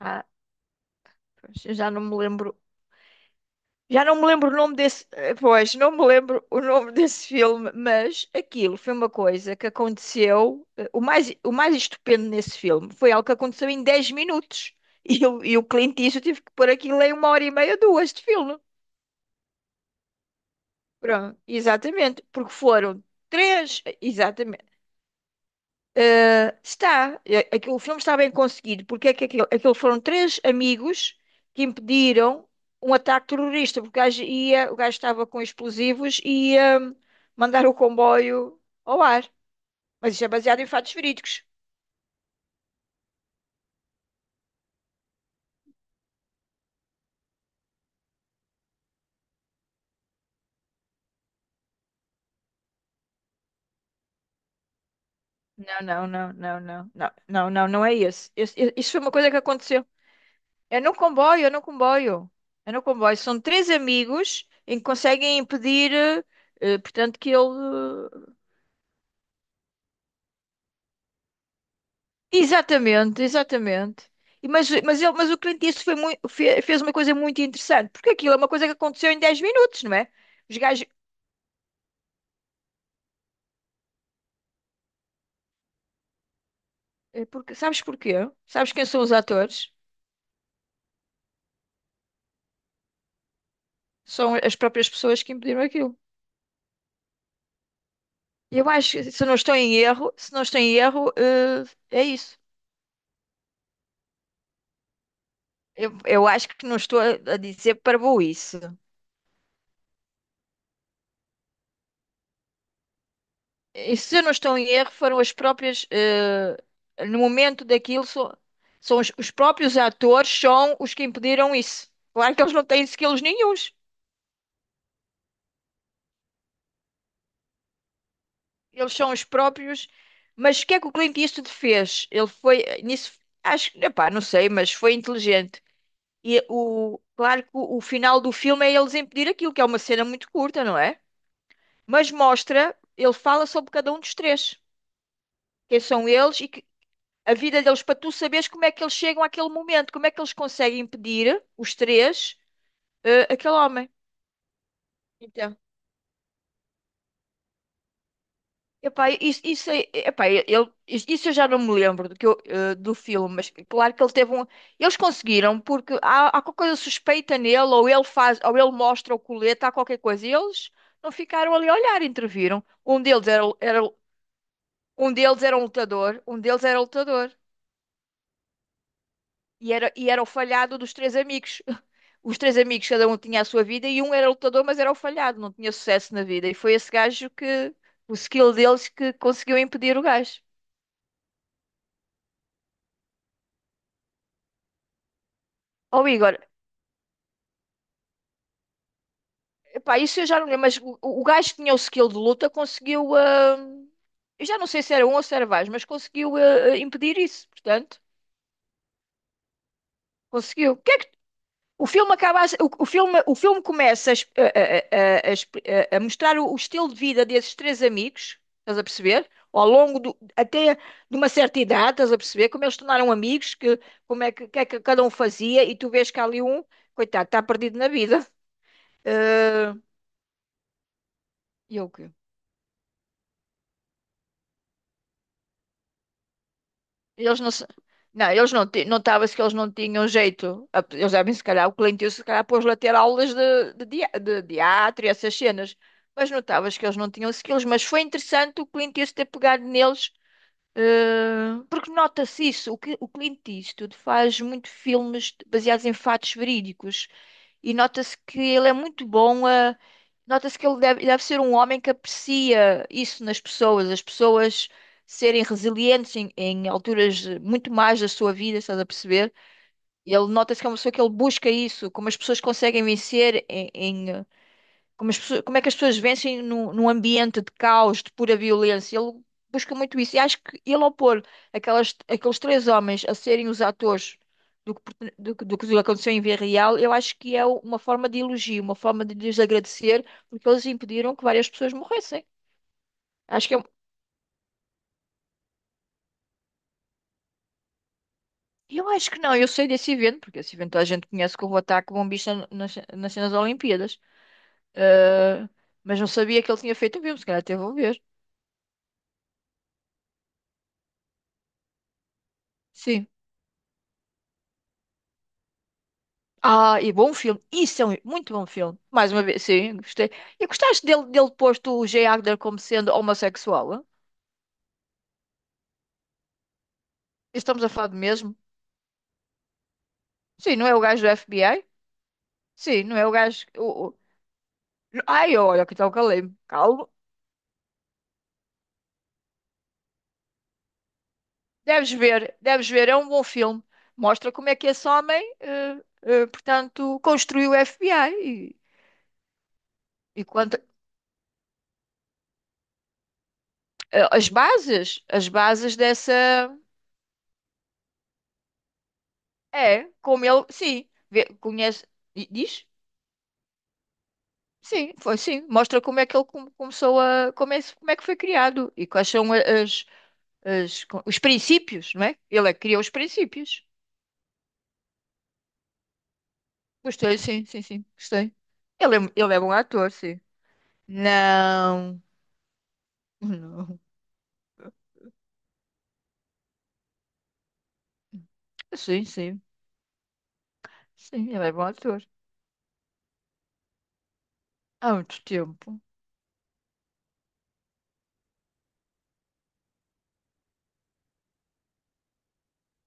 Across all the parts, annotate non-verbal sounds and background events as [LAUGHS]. Ah, pois, eu já não me lembro. Já não me lembro o nome desse. Pois, não me lembro o nome [LAUGHS] desse filme, mas aquilo foi uma coisa que aconteceu. O mais estupendo nesse filme foi algo que aconteceu em 10 minutos. [LAUGHS] E o Clint Eastwood tive que pôr aquilo em uma hora e meia, duas de filme. Pronto, exatamente. Porque foram três. Exatamente. O filme está bem conseguido, porque é que aquilo foram três amigos que impediram um ataque terrorista, porque o gajo estava com explosivos e ia mandar o comboio ao ar. Mas isto é baseado em fatos verídicos. Não, não, não, não, não, não, não, não, não é esse. Isso foi uma coisa que aconteceu. É no comboio, é no comboio. É no comboio. São três amigos em que conseguem impedir, portanto, que ele. Exatamente, exatamente. Mas o Clint Eastwood fez uma coisa muito interessante, porque aquilo é uma coisa que aconteceu em 10 minutos, não é? Os gajos, é porque, sabes porquê? Sabes quem são os atores? São as próprias pessoas que impediram aquilo. Eu acho que, se não estou em erro, se não estou em erro, eh, é isso. Eu acho que não estou a dizer para isso. E se eu não estou em erro, foram as próprias, no momento daquilo, são os próprios atores são os que impediram isso. Claro que eles não têm skills nenhuns. Eles são os próprios. Mas o que é que o Clint Eastwood fez? Ele foi, nisso, acho, epá, não sei, mas foi inteligente. Claro que o final do filme é eles impedir aquilo, que é uma cena muito curta, não é? Mas mostra, ele fala sobre cada um dos três. Quem são eles e que a vida deles para tu saberes como é que eles chegam àquele momento, como é que eles conseguem impedir, os três, aquele homem. Então, epá, isso eu já não me lembro do filme, mas claro que ele teve um. Eles conseguiram, porque há qualquer coisa suspeita nele, ou ele faz, ou ele mostra o colete, há qualquer coisa. E eles não ficaram ali a olhar, interviram. Um deles um deles era um lutador, um deles era lutador. E era o falhado dos três amigos. [LAUGHS] Os três amigos, cada um tinha a sua vida e um era lutador, mas era o falhado, não tinha sucesso na vida. E foi esse gajo que, o skill deles, que conseguiu impedir o gajo. Ó Igor, pá, isso eu já não lembro, mas o gajo que tinha o skill de luta conseguiu. Eu já não sei se era um ou se era vários, mas conseguiu impedir isso, portanto, conseguiu. O filme acaba a- o filme começa a, es- a exp- a mostrar o estilo de vida desses três amigos, estás a perceber? Ao longo do, até de uma certa idade, estás a perceber? Como eles se tornaram amigos, que, como é que, o que é que cada um fazia, e tu vês que há ali um, coitado, está perdido na vida. Eh, e eu o quê? Eles não, se- não, eles não, ti- Notava-se que eles não tinham jeito. Eles devem, se calhar, o cliente, se calhar, pôs-lhe a ter aulas de teatro e essas cenas. Mas notava-se que eles não tinham skills. Mas foi interessante o cliente Eastwood ter pegado neles, porque nota-se isso. O Clint Eastwood faz muito filmes baseados em fatos verídicos. E nota-se que ele é muito bom a. Nota-se que ele deve ser um homem que aprecia isso nas pessoas, as pessoas serem resilientes em alturas muito mais da sua vida, estás a perceber? Ele nota-se que é uma pessoa que ele busca isso, como as pessoas conseguem vencer como é que as pessoas vencem num ambiente de caos, de pura violência? Ele busca muito isso. E acho que ele, ao pôr aquelas, aqueles três homens a serem os atores do que, pertene- do que aconteceu em vida real, eu acho que é uma forma de elogio, uma forma de lhes agradecer, porque eles impediram que várias pessoas morressem. Acho que é um- Eu acho que não, eu sei desse evento, porque esse evento a gente conhece como o ataque bombista nas cenas das Olimpíadas. Ah, mas não sabia que ele tinha feito um filme, se calhar teve a ver. Sim. Ah, e bom filme. Isso é um muito bom filme. Mais uma vez, sim, gostei. E gostaste dele posto o Jay Agner como sendo homossexual? Hã? Estamos a falar do mesmo? Sim, não é o gajo do FBI? Sim, não é o gajo. Ai, olha que tal calei-me. Calmo. Deves ver, é um bom filme. Mostra como é que esse homem, portanto, construiu o FBI e, e, quanto, as bases dessa. É, como ele, sim, conhece. Diz? Sim, foi sim. Mostra como é que ele começou a. Como é que foi criado e quais são as, os princípios, não é? Ele é que criou os princípios. Gostei, sim, sim, sim, gostei. Ele é bom ator, sim. Não, não. Sim, sim, sim, ele é bom ator. Há muito tempo.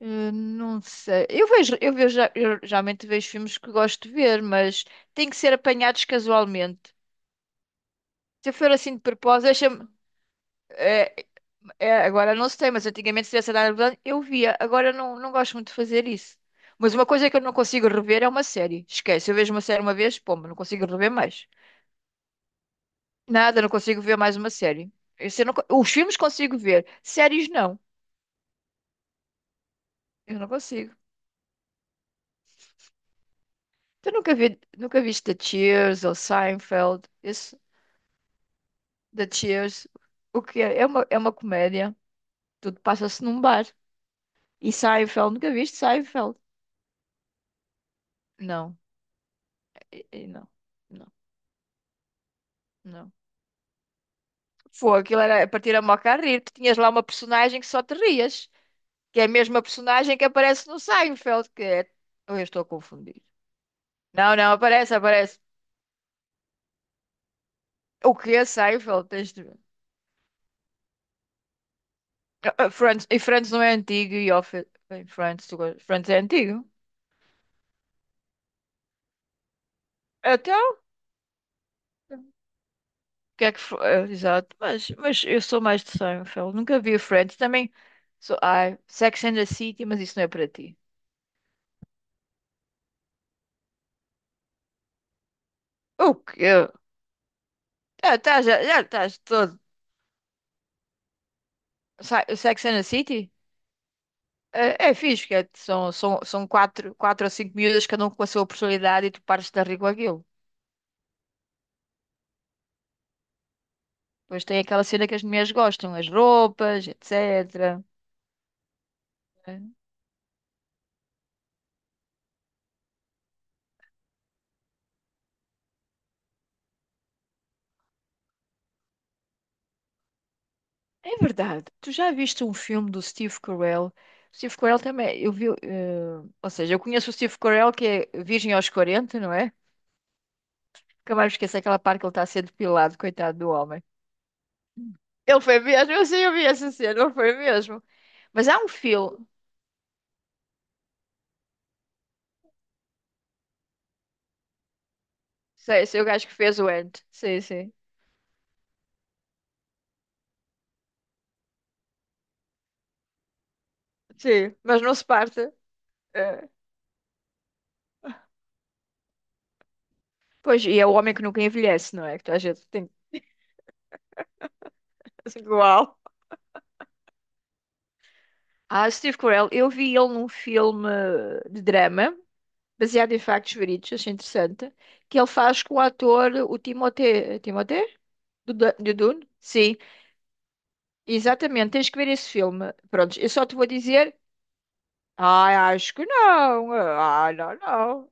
Eu não sei. Eu geralmente vejo filmes que gosto de ver, mas tem que ser apanhados casualmente. Se eu for assim de propósito, deixa-me. É, é, agora não sei, mas antigamente se tivesse dado, vontade, eu via. Agora eu não gosto muito de fazer isso. Mas uma coisa que eu não consigo rever é uma série. Esquece, eu vejo uma série uma vez, pomba, não consigo rever mais. Nada, não consigo ver mais uma série. Isso eu não co- Os filmes consigo ver, séries não. Eu não consigo. Tu nunca viste The Cheers ou Seinfeld? Isso, The Cheers. O que é? É uma comédia. Tudo passa-se num bar. E Seinfeld, nunca viste Seinfeld? Não, e não, não, não. Foi, aquilo era para tirar uma a rir. Tu tinhas lá uma personagem que só te rias, que é a mesma personagem que aparece no Seinfeld, que é. Ou eu estou a confundir. Não, não, aparece, aparece. O que é Seinfeld? Tens de ver. Ah, Friends, e Friends não é antigo e Office. Bem, Friends, tu Friends é antigo. Então, o que é que foi? Ah, exato, mas eu sou mais de Seinfeld. Nunca vi Friends. Também sou. Ai, Sex and the City, mas isso não é para ti. O quê? Já estás, já já estás todo. Sex and the City? É fixe, que são quatro, quatro ou cinco miúdas, cada um com a sua personalidade, e tu pares de dar rir com aquilo. Depois tem aquela cena que as mulheres gostam, as roupas, etc. É verdade. Tu já viste um filme do Steve Carell? Steve Carell também, eu vi, ou seja, eu conheço o Steve Carell que é virgem aos 40, não é? Nunca mais me esqueço aquela parte que ele está a ser depilado, coitado do homem. Ele foi mesmo, eu sei, eu vi essa cena, ele foi mesmo. Mas há um filme, sei, sei o gajo que fez o Ant, sim, sim. Sim, mas não se parte. É. Pois, e é o homem que nunca envelhece, não é? Que a gente tem [LAUGHS] assim, igual. Ah, Steve Carell, eu vi ele num filme de drama, baseado em factos verídicos, achei interessante, que ele faz com o ator, o Timothée, é Timothée? Do Dune? Sim, exatamente, tens que ver esse filme. Pronto, eu só te vou dizer, acho que não, não, não.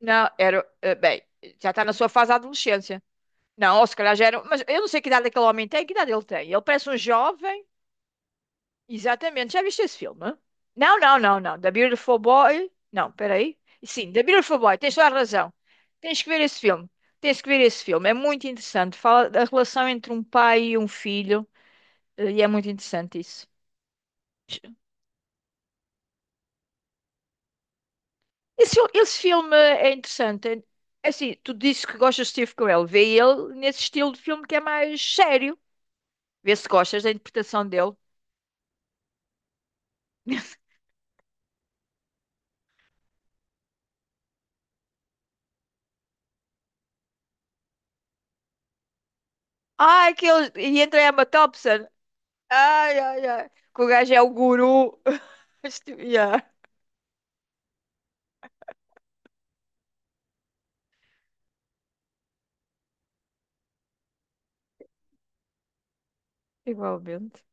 Não, era, bem, já está na sua fase da adolescência. Não, ou se calhar já era, mas eu não sei que idade aquele homem tem, que idade ele tem. Ele parece um jovem. Exatamente. Já viste esse filme? Não, não, não, não. The Beautiful Boy. Não, peraí. Sim, The Beautiful Boy. Tens toda a razão. Tens que ver esse filme. Tens que ver esse filme. É muito interessante. Fala da relação entre um pai e um filho. E é muito interessante isso. Esse filme é interessante. É assim, tu dizes que gostas de Steve Carell. Vê ele nesse estilo de filme que é mais sério. Vê se gostas da interpretação dele. [LAUGHS] Ah, aquele. E entra a Emma Thompson. Ai, ai, ai, Kugage é o guru. [LAUGHS] Ya. Igualmente.